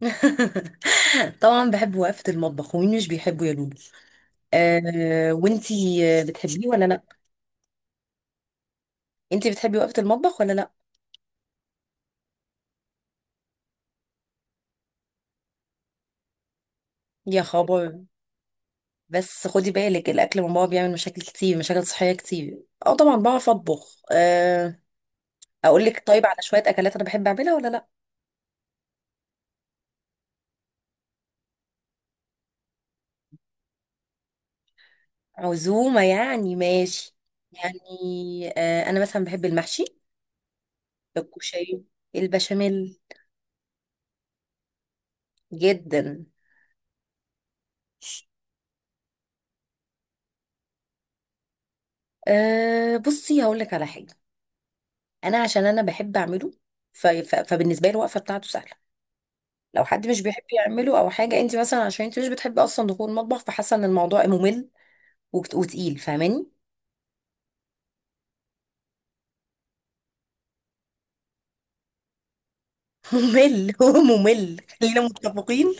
طبعا بحب وقفة المطبخ ومين مش بيحبه يا لولو؟ أه وانتي بتحبيه ولا لا؟ انتي بتحبي وقفة المطبخ ولا لا؟ يا خبر! بس خدي بالك، الاكل من بابا بيعمل مشاكل كتير، مشاكل صحية كتير. اه، طبعا بعرف اطبخ، أه. اقول لك طيب، على شوية اكلات انا بحب اعملها ولا لا؟ عزومة يعني. ماشي يعني. أه، انا مثلا بحب المحشي، الكشري، البشاميل، جدا. أه بصي، هقول لك على حاجة. انا عشان انا بحب اعمله، فبالنسبه لي الوقفه بتاعته سهله. لو حد مش بيحب يعمله او حاجه، انت مثلا عشان انت مش بتحبي اصلا دخول المطبخ، فحاسه ان الموضوع ممل وتقيل، فاهماني؟ ممل، هو ممل، خلينا متفقين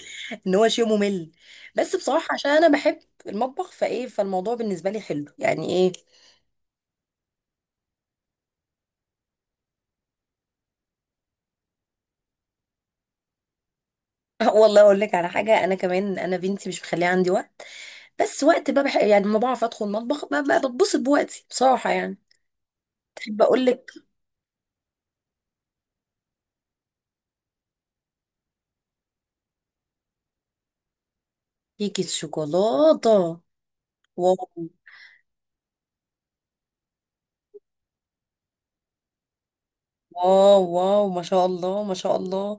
ان هو شيء ممل. بس بصراحه عشان انا بحب المطبخ، فايه، فالموضوع بالنسبه لي حلو، يعني ايه. والله، اقول لك على حاجه، انا كمان، انا بنتي مش مخليه عندي وقت. بس وقت بقى، يعني ما بعرف ادخل المطبخ. بتبسط بوقتي بصراحه يعني. تحب اقول لك؟ كيكه شوكولاته! واو، واو، واو! ما شاء الله، ما شاء الله.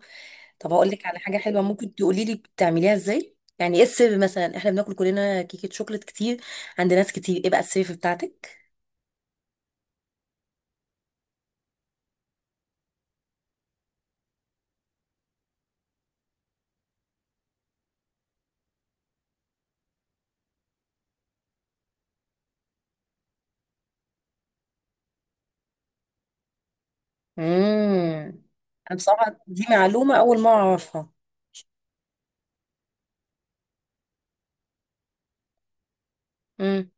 طب هقول لك على حاجه حلوه، ممكن تقولي لي بتعمليها ازاي؟ يعني ايه السر؟ مثلا احنا بناكل كلنا كيكه شوكليت كتير عند ناس كتير، ايه بقى السر بتاعتك؟ امم انا بصراحه دي معلومه اول ما اعرفها. امم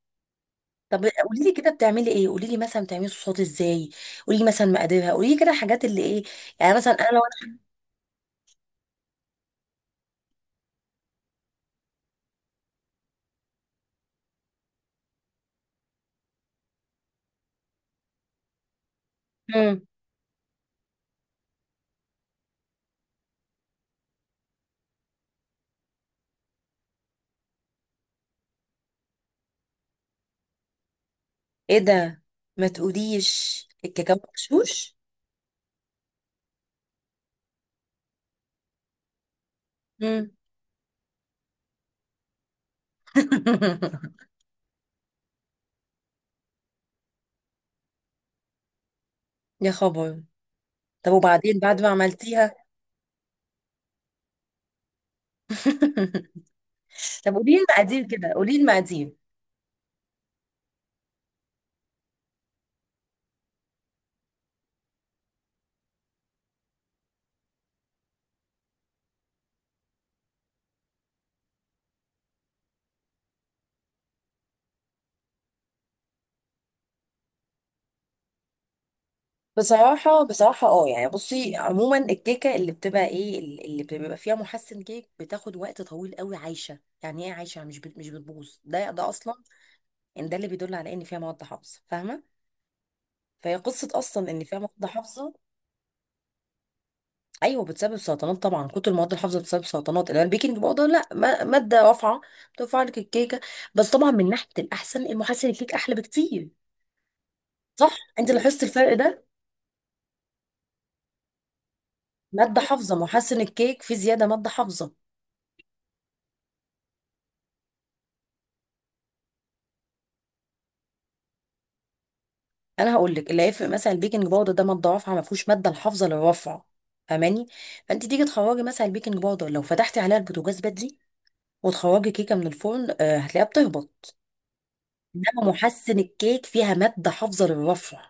طب قولي لي كده، بتعملي ايه؟ قولي لي مثلا بتعملي صوصات ازاي. قولي لي مثلا مقاديرها. قولي لي كده الحاجات اللي ايه. يعني مثلا انا لو... امم ايه ده؟ ما تقوليش الكاكاو مغشوش! امم. يا خبر! طب وبعدين بعد ما عملتيها؟ طب قولي المقادير كده، قولي المقادير. بصراحة، بصراحة، اه، يعني بصي عموما، الكيكة اللي بتبقى ايه، اللي بتبقى فيها محسن كيك بتاخد وقت طويل قوي عايشة. يعني ايه عايشة؟ مش بتبوظ، ده اصلا. ان ده اللي بيدل على ان فيها مواد حافظة، فاهمة؟ فهي قصة اصلا ان فيها مواد حافظة. ايوه، بتسبب سرطانات طبعا، كتر المواد الحافظة بتسبب سرطانات. انما البيكنج باودر لا، مادة رافعة، بترفع لك الكيكة. بس طبعا، من ناحية الاحسن، المحسن الكيك احلى بكتير. صح، انت لاحظت الفرق ده؟ ماده حافظه. محسن الكيك في زياده ماده حافظه. انا هقول لك اللي هيفرق، مثلا البيكنج باودر ده ماده رافعه، ما فيهوش ماده الحافظه للرفعه، فاهماني؟ فانت تيجي تخرجي مثلا البيكنج باودر، لو فتحتي عليها البوتاجاز بدري وتخرجي كيكه من الفرن، هتلاقيها بتهبط. انما محسن الكيك فيها ماده حافظه للرفع.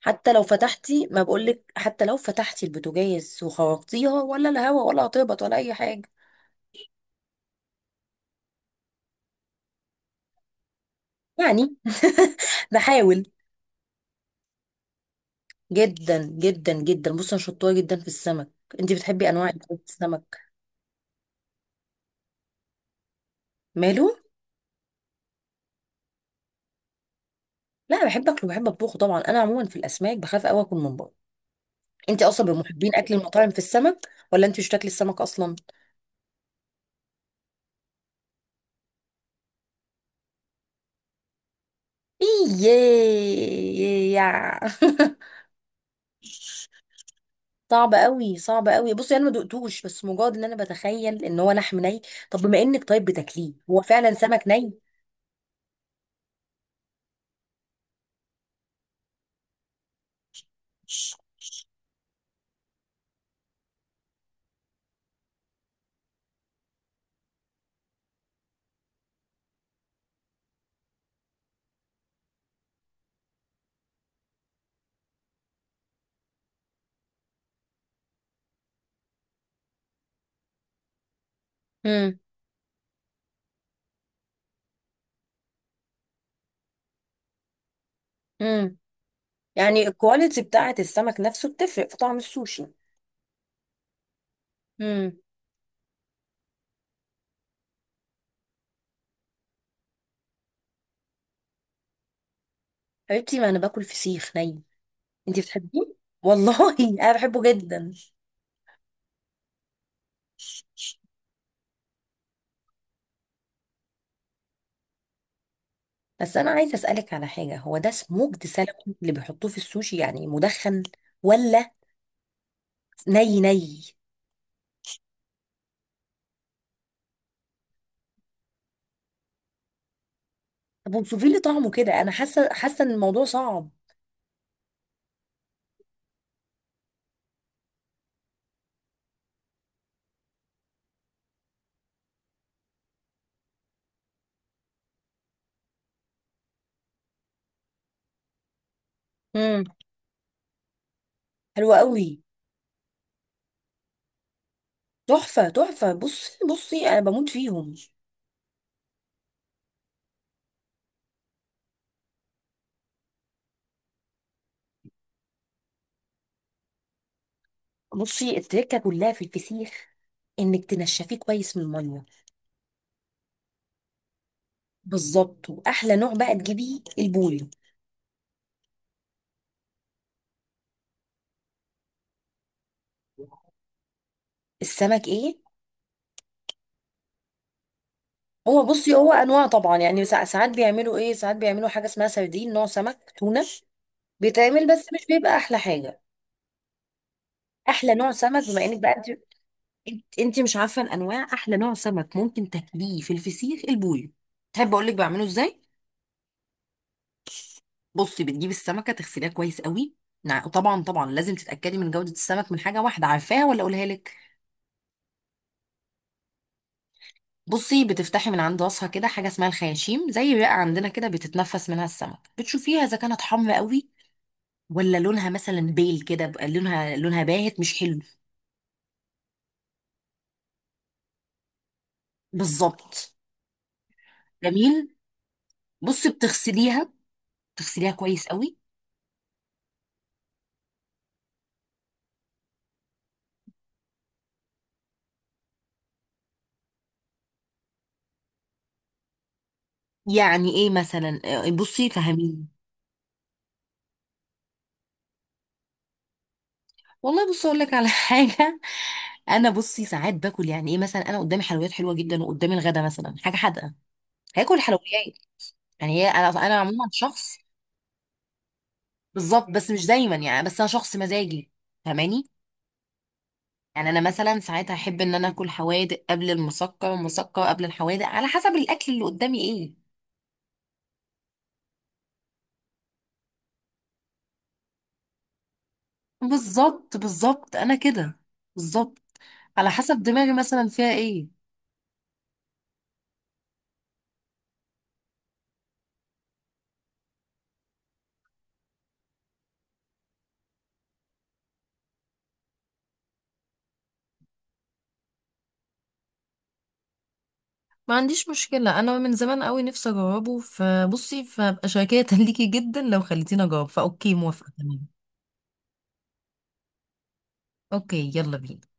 حتى لو فتحتي، ما بقولك، حتى لو فتحتي البوتاجاز وخرجتيها ولا الهواء، ولا هتهبط ولا اي حاجه. يعني. بحاول. جدا جدا جدا، بص انا شطوره جدا في السمك. انت بتحبي انواع إيه في السمك؟ ماله؟ لا، بحب اكله وبحب اطبخه طبعا. انا عموما في الاسماك بخاف قوي اكل من بره. انت اصلا من محبين اكل المطاعم في السمك، ولا انت مش بتاكلي السمك اصلا؟ ايه؟ صعب قوي، صعب قوي. بصي انا ما دقتوش، بس مجرد ان انا بتخيل ان هو لحم ني. طب بما انك طيب بتاكليه، هو فعلا سمك ني؟ امم امم يعني الكواليتي بتاعه السمك نفسه بتفرق في طعم السوشي؟ حبيبتي، ما انا باكل فسيخ ني، انتي بتحبيه؟ والله! انا بحبه جدا. بس انا عايزه اسالك على حاجه، هو ده سموكد سالمون اللي بيحطوه في السوشي يعني مدخن، ولا ني ني؟ طب وصفي لي طعمه كده، انا حاسه ان الموضوع صعب. امم حلو قوي. تحفه تحفه، بصي بصي انا بموت فيهم. بصي، التركه كلها في الفسيخ، انك تنشفيه كويس من الميه. بالظبط، واحلى نوع بقى تجيبيه البوري. السمك ايه؟ هو بصي، هو انواع طبعا يعني، ساعات بيعملوا ايه، ساعات بيعملوا حاجه اسمها سردين، نوع سمك تونه بيتعمل، بس مش بيبقى احلى حاجه. احلى نوع سمك، بما انك بقى انت انت إنت مش عارفه الانواع، احلى نوع سمك ممكن تاكليه في الفسيخ البوي. تحب اقول لك بعمله ازاي؟ بصي بتجيبي السمكه، تغسليها كويس قوي. طبعا طبعا، لازم تتاكدي من جوده السمك من حاجه واحده، عارفاها ولا اقولها لك؟ بصي بتفتحي من عند راسها كده حاجه اسمها الخياشيم، زي بقى عندنا كده بتتنفس منها السمك، بتشوفيها اذا كانت حمرا قوي، ولا لونها مثلا بيل كده، بقى لونها، باهت مش حلو. بالظبط. جميل. بصي بتغسليها، بتغسليها كويس قوي. يعني ايه مثلا؟ بصي فهميني. والله، بصي اقول لك على حاجه. انا بصي ساعات باكل، يعني ايه، مثلا انا قدامي حلويات حلوه جدا وقدامي الغدا مثلا حاجه حادقه، هاكل حلويات. يعني هي انا عموما شخص. بالظبط، بس مش دايما يعني. بس انا شخص مزاجي، فاهماني؟ يعني انا مثلا ساعات احب ان انا اكل حوادق قبل المسكر، ومسكر قبل الحوادق، على حسب الاكل اللي قدامي ايه. بالظبط بالظبط، انا كده، بالظبط، على حسب دماغي مثلا فيها ايه. ما عنديش مشكلة، أنا من زمان قوي نفسي أجربه، فبصي فأبقى شاكرة ليكي جدا لو خليتيني أجرب، فأوكي، موافقة، تمام. أوكي، يلا بينا.